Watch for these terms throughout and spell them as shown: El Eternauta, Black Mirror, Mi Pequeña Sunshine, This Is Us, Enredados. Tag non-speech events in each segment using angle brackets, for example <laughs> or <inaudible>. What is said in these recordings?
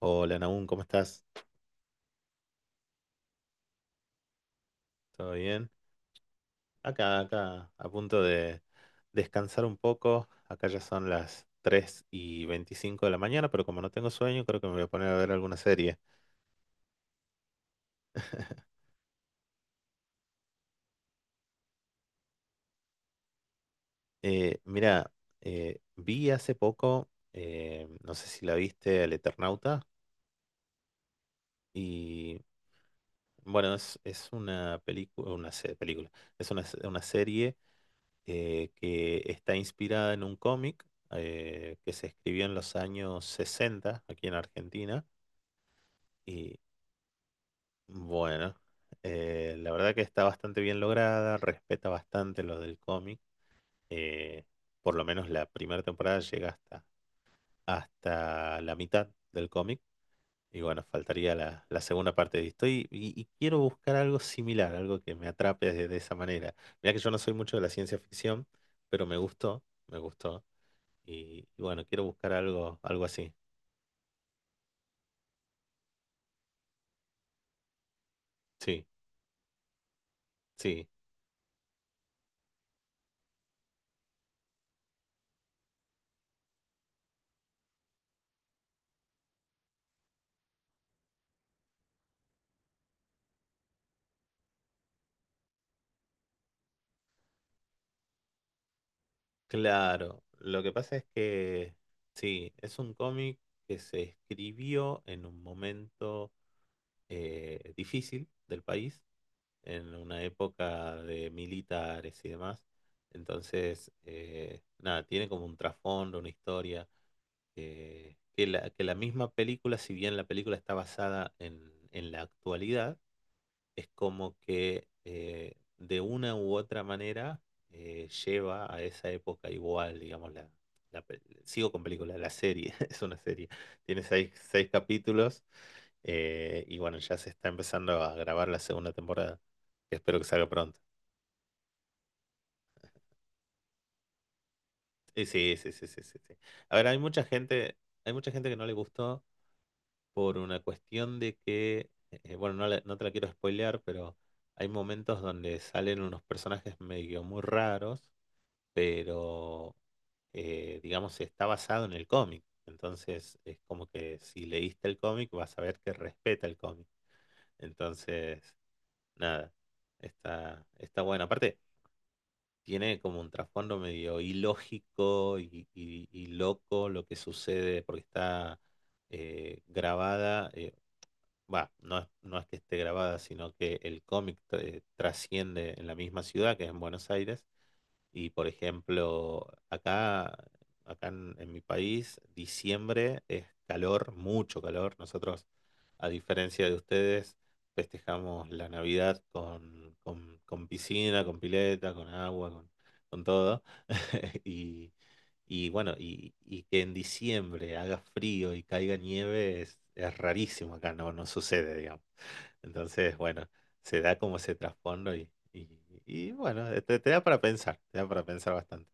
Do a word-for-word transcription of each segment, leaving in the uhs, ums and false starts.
Hola Nahum, ¿cómo estás? ¿Todo bien? Acá, acá, a punto de descansar un poco. Acá ya son las tres y veinticinco de la mañana, pero como no tengo sueño, creo que me voy a poner a ver alguna serie. <laughs> Eh, mira, eh, vi hace poco, eh, no sé si la viste, El Eternauta, y bueno, es, es una película, una se- película, es una, se- una serie eh, que está inspirada en un cómic eh, que se escribió en los años sesenta aquí en Argentina. Y bueno, eh, la verdad que está bastante bien lograda, respeta bastante lo del cómic. eh, por lo menos la primera temporada llega hasta, hasta la mitad del cómic. Y bueno, faltaría la, la segunda parte de esto. Y, y- y quiero buscar algo similar, algo que me atrape de, de esa manera. Mira que yo no soy mucho de la ciencia ficción, pero me gustó, me gustó. Y, y bueno, quiero buscar algo, algo así. Sí, sí, claro. Lo que pasa es que sí, es un cómic que se escribió en un momento eh, difícil del país, en una época de militares y demás. Entonces, eh, nada, tiene como un trasfondo, una historia, eh, que la, que la misma película, si bien la película está basada en en la actualidad, es como que eh, de una u otra manera eh, lleva a esa época igual, digamos, la, la pe- sigo con película, la serie, <laughs> es una serie, tiene seis, seis capítulos eh, y bueno, ya se está empezando a grabar la segunda temporada, que espero que salga pronto. Y sí, sí, sí, sí, sí, sí. A ver, hay mucha gente, hay mucha gente que no le gustó por una cuestión de que, eh, bueno, no, la- no te la quiero spoilear, pero hay momentos donde salen unos personajes medio muy raros pero eh, digamos está basado en el cómic. Entonces es como que si leíste el cómic vas a ver que respeta el cómic. Entonces, nada, está, está bueno. Aparte, tiene como un trasfondo medio ilógico y, y- y loco lo que sucede porque está eh, grabada. eh, Va, no es, no es que esté grabada, sino que el cómic eh, trasciende en la misma ciudad, que es en Buenos Aires, y por ejemplo, acá, acá en, en mi país, diciembre es calor, mucho calor. Nosotros, a diferencia de ustedes, festejamos la Navidad con, con- con piscina, con pileta, con agua, con, con todo. <laughs> Y, y bueno, y, y que en diciembre haga frío y caiga nieve es, es rarísimo acá, no, no sucede, digamos. Entonces, bueno, se da como ese trasfondo y, y, y, bueno, eh, te, te da para pensar, te da para pensar bastante.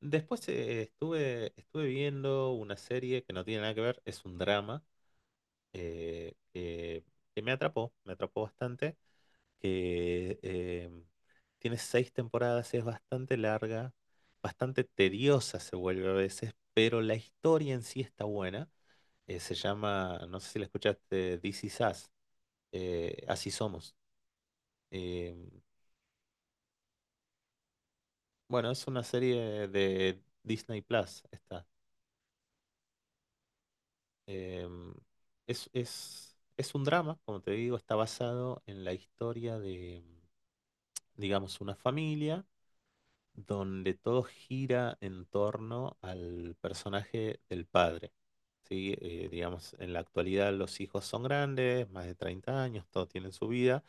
Después eh, estuve, estuve viendo una serie que no tiene nada que ver, es un drama eh, que, que me atrapó, me atrapó bastante, que eh, tiene seis temporadas, es bastante larga, bastante tediosa se vuelve a veces, pero la historia en sí está buena. Eh, se llama, no sé si la escuchaste, This Is Us, eh, Así Somos. Eh, bueno, es una serie de Disney Plus, está. Eh, es, es, es un drama, como te digo, está basado en la historia de, digamos, una familia donde todo gira en torno al personaje del padre. ¿Sí? Eh, digamos, en la actualidad los hijos son grandes, más de treinta años, todos tienen su vida,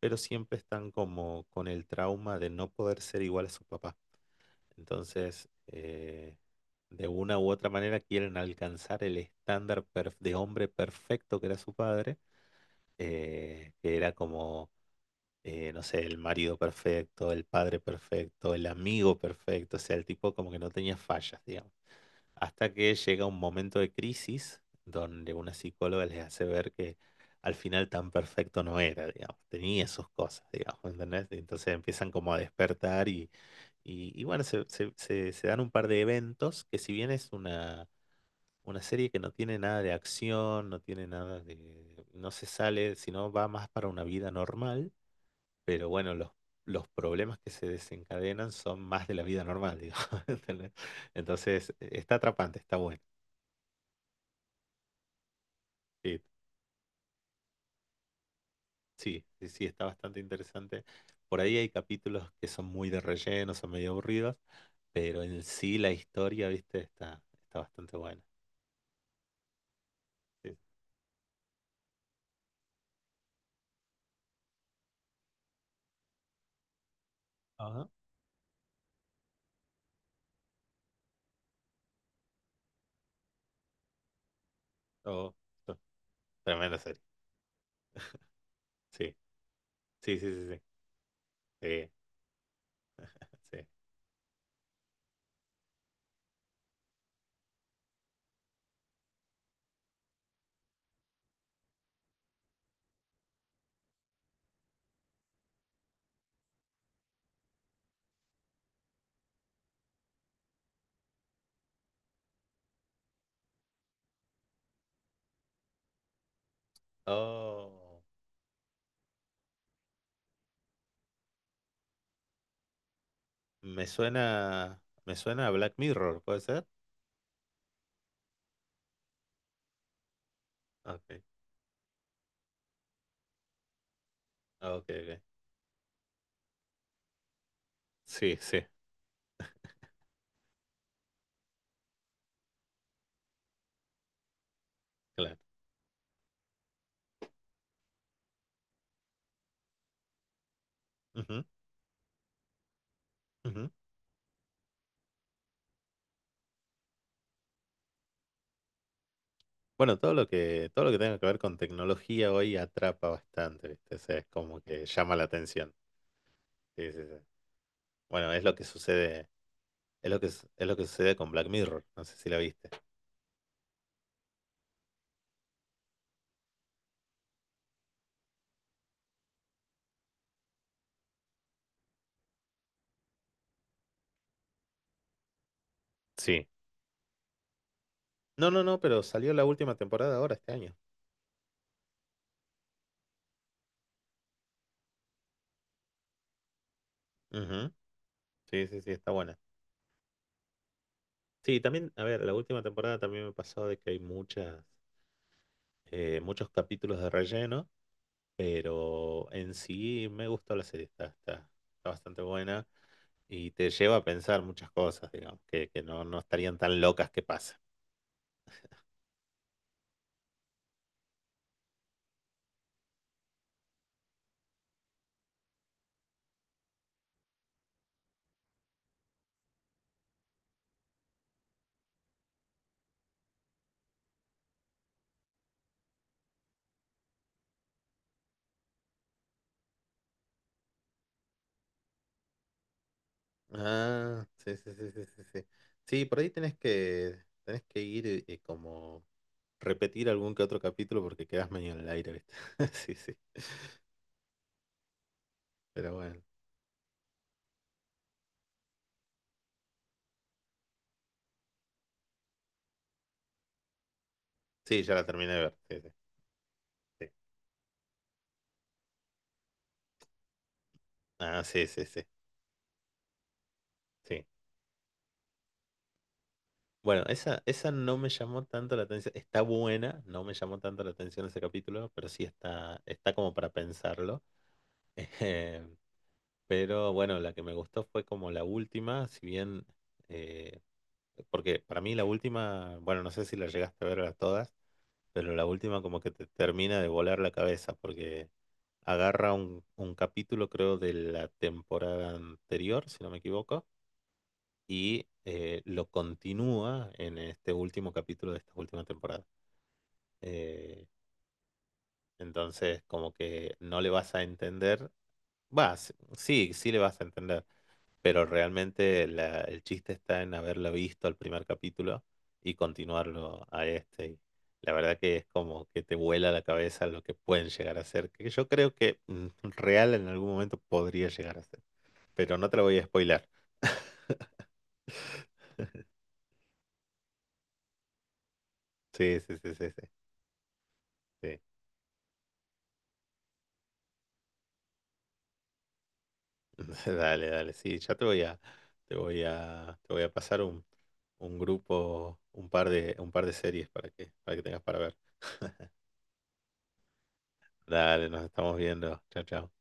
pero siempre están como con el trauma de no poder ser igual a su papá. Entonces, eh, de una u otra manera quieren alcanzar el estándar perf- de hombre perfecto que era su padre, eh, que era como, eh, no sé, el marido perfecto, el padre perfecto, el amigo perfecto, o sea, el tipo como que no tenía fallas, digamos. Hasta que llega un momento de crisis donde una psicóloga les hace ver que al final tan perfecto no era, digamos, tenía sus cosas, digamos, ¿entendés? Entonces empiezan como a despertar y, y, y bueno, se, se- se- se dan un par de eventos que si bien es una, una serie que no tiene nada de acción, no tiene nada de, no se sale, sino va más para una vida normal, pero bueno, los, los problemas que se desencadenan son más de la vida normal, digamos, <laughs> ¿entendés? Entonces está atrapante, está bueno. Sí, sí, sí, sí, está bastante interesante. Por ahí hay capítulos que son muy de relleno, son medio aburridos, pero en sí la historia, viste, está, está bastante buena. Sí. Ajá. Oh, oh, tremenda serie. Sí, sí, sí, sí, sí. Sí, sí. Oh, me suena, me suena a Black Mirror, ¿puede ser? Okay, okay, okay. Sí, sí, claro. Ujú, ujú. Bueno, todo lo que, todo lo que tenga que ver con tecnología hoy atrapa bastante, ¿viste? O sea, es como que llama la atención. Sí, sí, sí. Bueno, es lo que sucede, es lo que, es es lo que sucede con Black Mirror, no sé si la viste. Sí. No, no, no, pero salió la última temporada ahora este año. Ujú. Sí, sí, sí, está buena. Sí, también, a ver, la última temporada también me pasó de que hay muchas, eh, muchos capítulos de relleno, pero en sí me gustó la serie, está, está, está bastante buena y te lleva a pensar muchas cosas, digamos, que, que no, no estarían tan locas que pasen. Ah, sí, sí, sí, sí, sí, sí. Sí, por ahí tenés que, tenés que ir eh, eh, como repetir algún que otro capítulo porque quedás medio en el aire, ¿viste? <laughs> Sí, sí. Pero bueno. Sí, ya la terminé de ver. Sí, sí, sí. Ah, sí, sí, sí. Sí. Bueno, esa, esa no me llamó tanto la atención. Está buena, no me llamó tanto la atención ese capítulo, pero sí está, está como para pensarlo. <laughs> Eh, Pero bueno, la que me gustó fue como la última, si bien. eh, Porque para mí la última, bueno, no sé si la llegaste a ver a todas, pero la última como que te termina de volar la cabeza, porque agarra un, un capítulo, creo, de la temporada anterior, si no me equivoco, y eh, lo continúa en este último capítulo de esta última temporada. Eh, entonces, como que no le vas a entender, vas, sí, sí le vas a entender, pero realmente la- el chiste está en haberlo visto al primer capítulo y continuarlo a este. Y la verdad que es como que te vuela la cabeza lo que pueden llegar a ser, que yo creo que mm, real en algún momento podría llegar a ser, pero no te lo voy a spoilar. Sí, sí, sí, sí, sí. Sí. <laughs> Dale, dale, sí, ya te voy a, te voy a, te voy a pasar un, un grupo, un par de, un par de series para que, para que tengas para ver. Dale, nos estamos viendo. Chao, chao.